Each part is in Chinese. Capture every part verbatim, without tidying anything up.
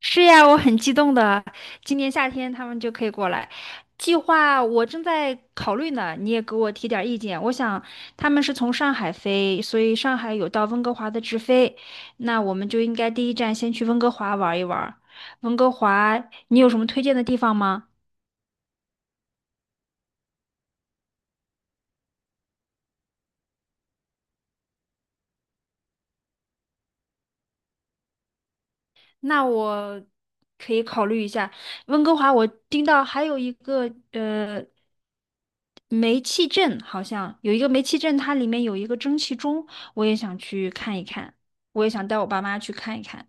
是呀，我很激动的，今年夏天他们就可以过来。计划我正在考虑呢，你也给我提点儿意见。我想他们是从上海飞，所以上海有到温哥华的直飞，那我们就应该第一站先去温哥华玩一玩。温哥华，你有什么推荐的地方吗？那我可以考虑一下。温哥华，我听到还有一个呃煤气镇，好像有一个煤气镇，它里面有一个蒸汽钟，我也想去看一看，我也想带我爸妈去看一看。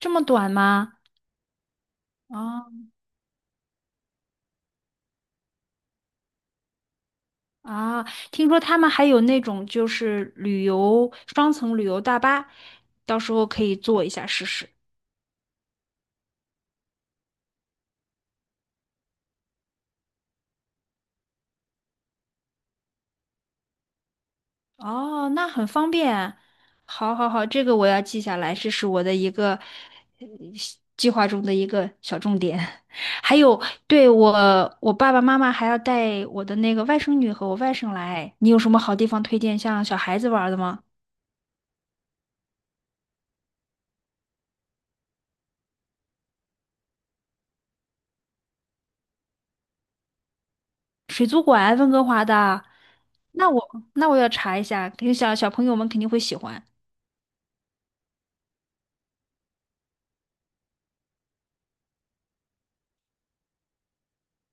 这么短吗？哦啊，听说他们还有那种就是旅游双层旅游大巴，到时候可以坐一下试试。哦，那很方便。好，好，好，这个我要记下来，这是我的一个。计划中的一个小重点。还有，对，我，我爸爸妈妈还要带我的那个外甥女和我外甥来。你有什么好地方推荐，像小孩子玩的吗？水族馆，温哥华的。那我那我要查一下，肯定小小朋友们肯定会喜欢。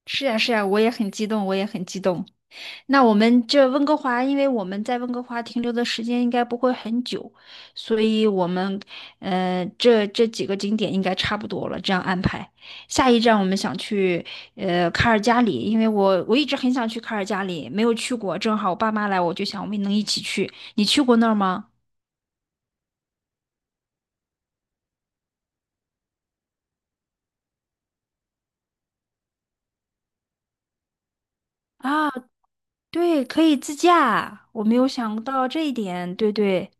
是呀，是呀，我也很激动，我也很激动。那我们这温哥华，因为我们在温哥华停留的时间应该不会很久，所以我们，呃，这这几个景点应该差不多了，这样安排。下一站我们想去，呃，卡尔加里，因为我我一直很想去卡尔加里，没有去过，正好我爸妈来，我就想我们能一起去。你去过那儿吗？啊，对，可以自驾，我没有想到这一点，对对。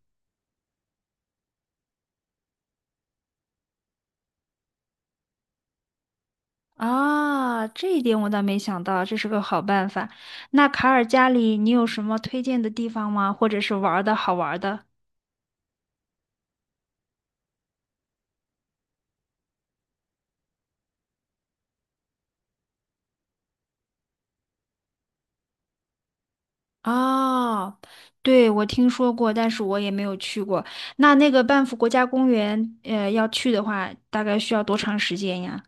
啊，这一点我倒没想到，这是个好办法。那卡尔加里，你有什么推荐的地方吗？或者是玩儿的好玩儿的？哦，对，我听说过，但是我也没有去过。那那个 b a 国家公园，呃，要去的话，大概需要多长时间呀？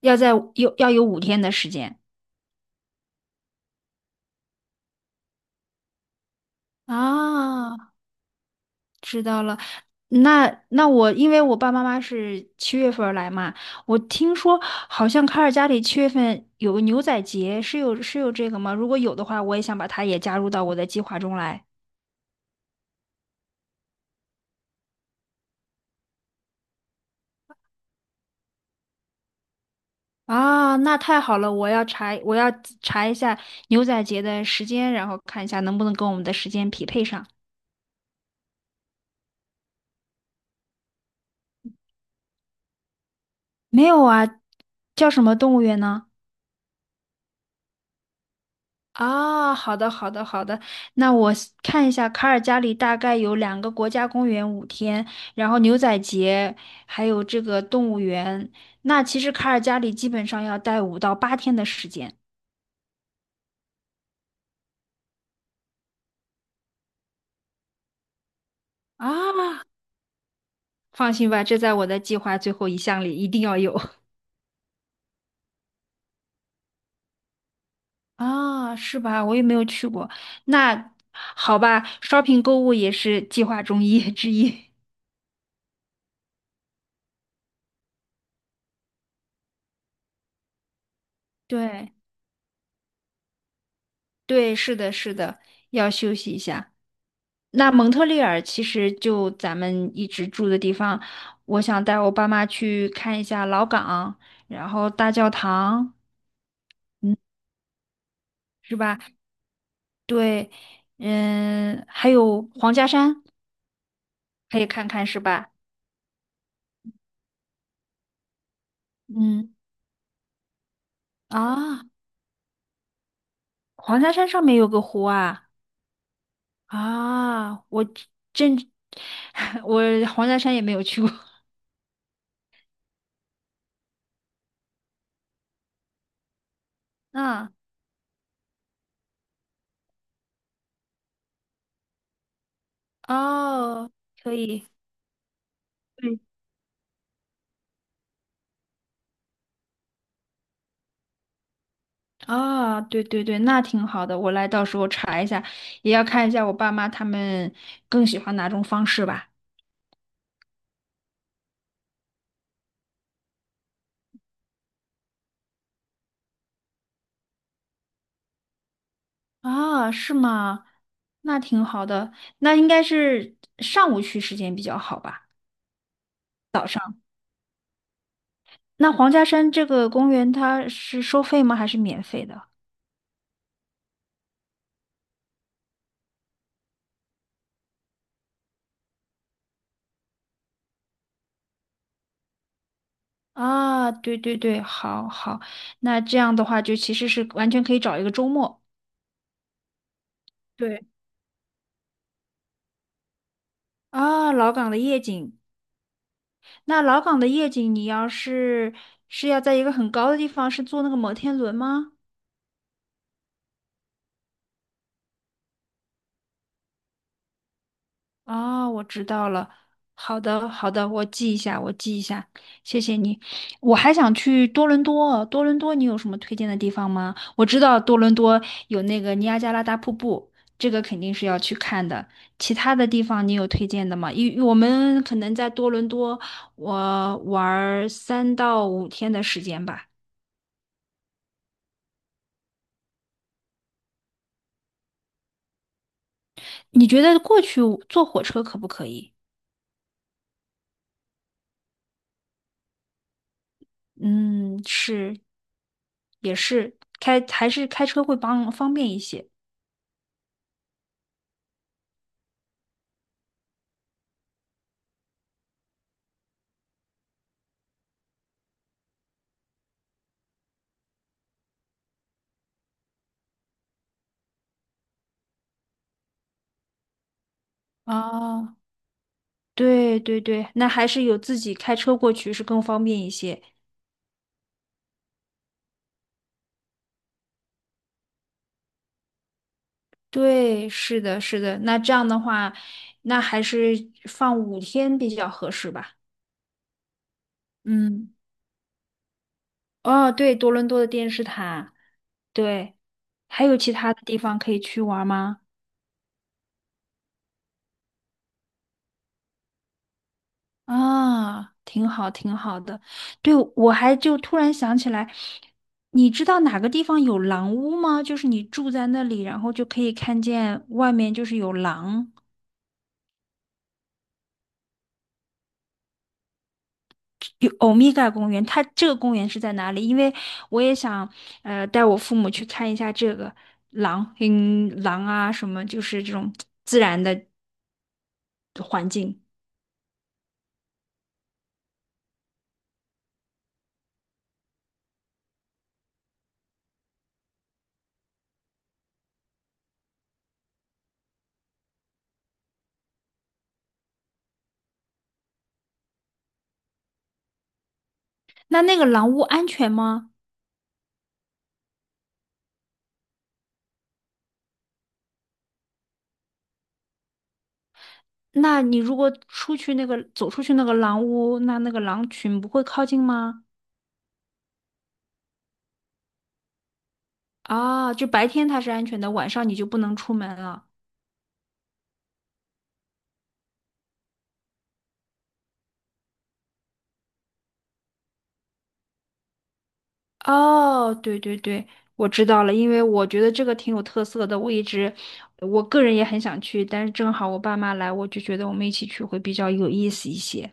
要在有要有五天的时间啊。知道了，那那我因为我爸妈妈是七月份儿来嘛，我听说好像卡尔加里七月份有个牛仔节，是有是有这个吗？如果有的话，我也想把它也加入到我的计划中来。啊，那太好了，我要查，我要查一下牛仔节的时间，然后看一下能不能跟我们的时间匹配上。没有啊，叫什么动物园呢？啊，好的，好的，好的。那我 s- 看一下，卡尔加里大概有两个国家公园五天，然后牛仔节，还有这个动物园。那其实卡尔加里基本上要待五到八天的时间。啊，放心吧，这在我的计划最后一项里一定要有。啊，是吧？我也没有去过。那好吧，shopping 购物也是计划中一之一。对，对，是的，是的，要休息一下。那蒙特利尔其实就咱们一直住的地方，我想带我爸妈去看一下老港，然后大教堂，嗯，是吧？对，嗯，还有黄家山可以看看，是吧？嗯，啊，黄家山上面有个湖啊，啊，我真，我黄家山也没有去过，嗯，哦，可以。对。啊，对对对，那挺好的，我来到时候查一下，也要看一下我爸妈他们更喜欢哪种方式吧。啊，是吗？那挺好的，那应该是上午去时间比较好吧？那黄家山这个公园它是收费吗？还是免费的？啊，对对对，好好，那这样的话就其实是完全可以找一个周末。对啊，老港的夜景那老港的夜景，你要是是要在一个很高的地方，是坐那个摩天轮吗？哦，我知道了。好的，好的，我记一下，我记一下，谢谢你。我还想去多伦多，多伦多你有什么推荐的地方吗？我知道多伦多有那个尼亚加拉大瀑布，这个肯定是要去看的。其他的地方你有推荐的吗？因我们可能在多伦多，我玩儿三到五天的时间吧。你觉得过去坐火车可不可以？嗯，是，也是，开还是开车会帮方便一些。啊，对对对，那还是有自己开车过去是更方便一些。对，是的，是的。那这样的话，那还是放五天比较合适吧。嗯，哦，对，多伦多的电视塔，对，还有其他的地方可以去玩吗？啊，挺好，挺好的。对，我还就突然想起来，你知道哪个地方有狼屋吗？就是你住在那里，然后就可以看见外面就是有狼。有欧米伽公园，它这个公园是在哪里？因为我也想，呃，带我父母去看一下这个狼，嗯，狼啊，什么就是这种环境。那那个狼屋安全吗？那你如果出去那个走出去那个狼屋，那那个狼群不会靠近吗？啊，就白天它是安全的，晚上你就不能出门了。哦，对对对，我知道了，因为我觉得这个挺有特色的，我一直，我个人也很想去，但是正好我爸妈来，我就觉得我们一起去会比较有意思一些。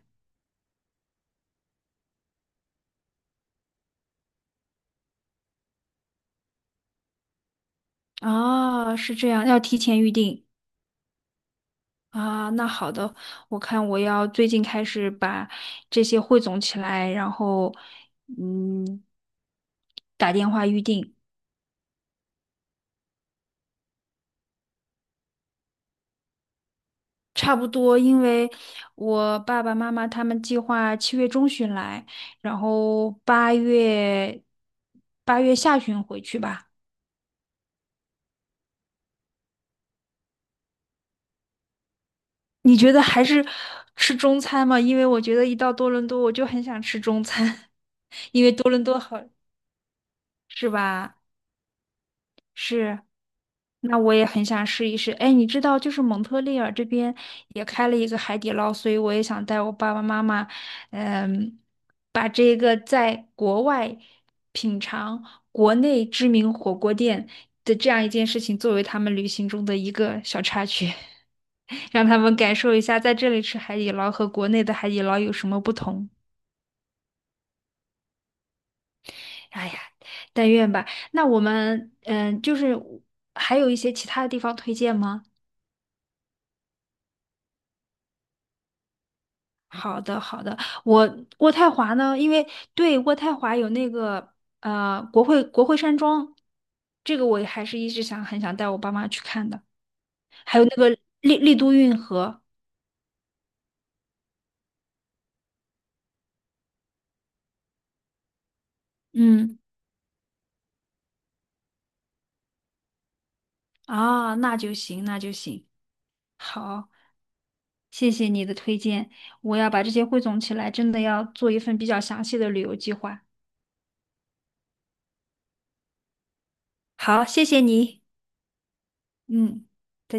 啊，是这样，要提前预定啊。那好的，我看我要最近开始把这些汇总起来，然后嗯，打电话预定。差不多，因为我爸爸妈妈他们计划七月中旬来，然后八月八月下旬回去吧。你觉得还是吃中餐吗？因为我觉得一到多伦多，我就很想吃中餐，多伦多好，是吧？是。那我也很想试一试。哎，你知道，就是蒙特利尔这边也开了一个海底捞，所以我也想带我爸爸妈妈，嗯，把这个在国外品尝国内知名火锅店的这样一件事情，作为他们旅行中的一个小插曲，让他们感受一下在这里吃海底捞和国内的海底捞有什么不同。哎呀，但愿吧。那我们，嗯，就是还有一些其他的地方推荐吗？好的，好的。我渥太华呢，因为对渥太华有那个呃国会国会山庄，这个我还是一直想很想带我爸妈去看的。还有那个丽丽都运河，嗯啊，那就行，那就行。好，谢谢你的推荐，我要把这些汇总起来，真的要做一份比较详细的旅游计划。好，谢谢你，嗯。再见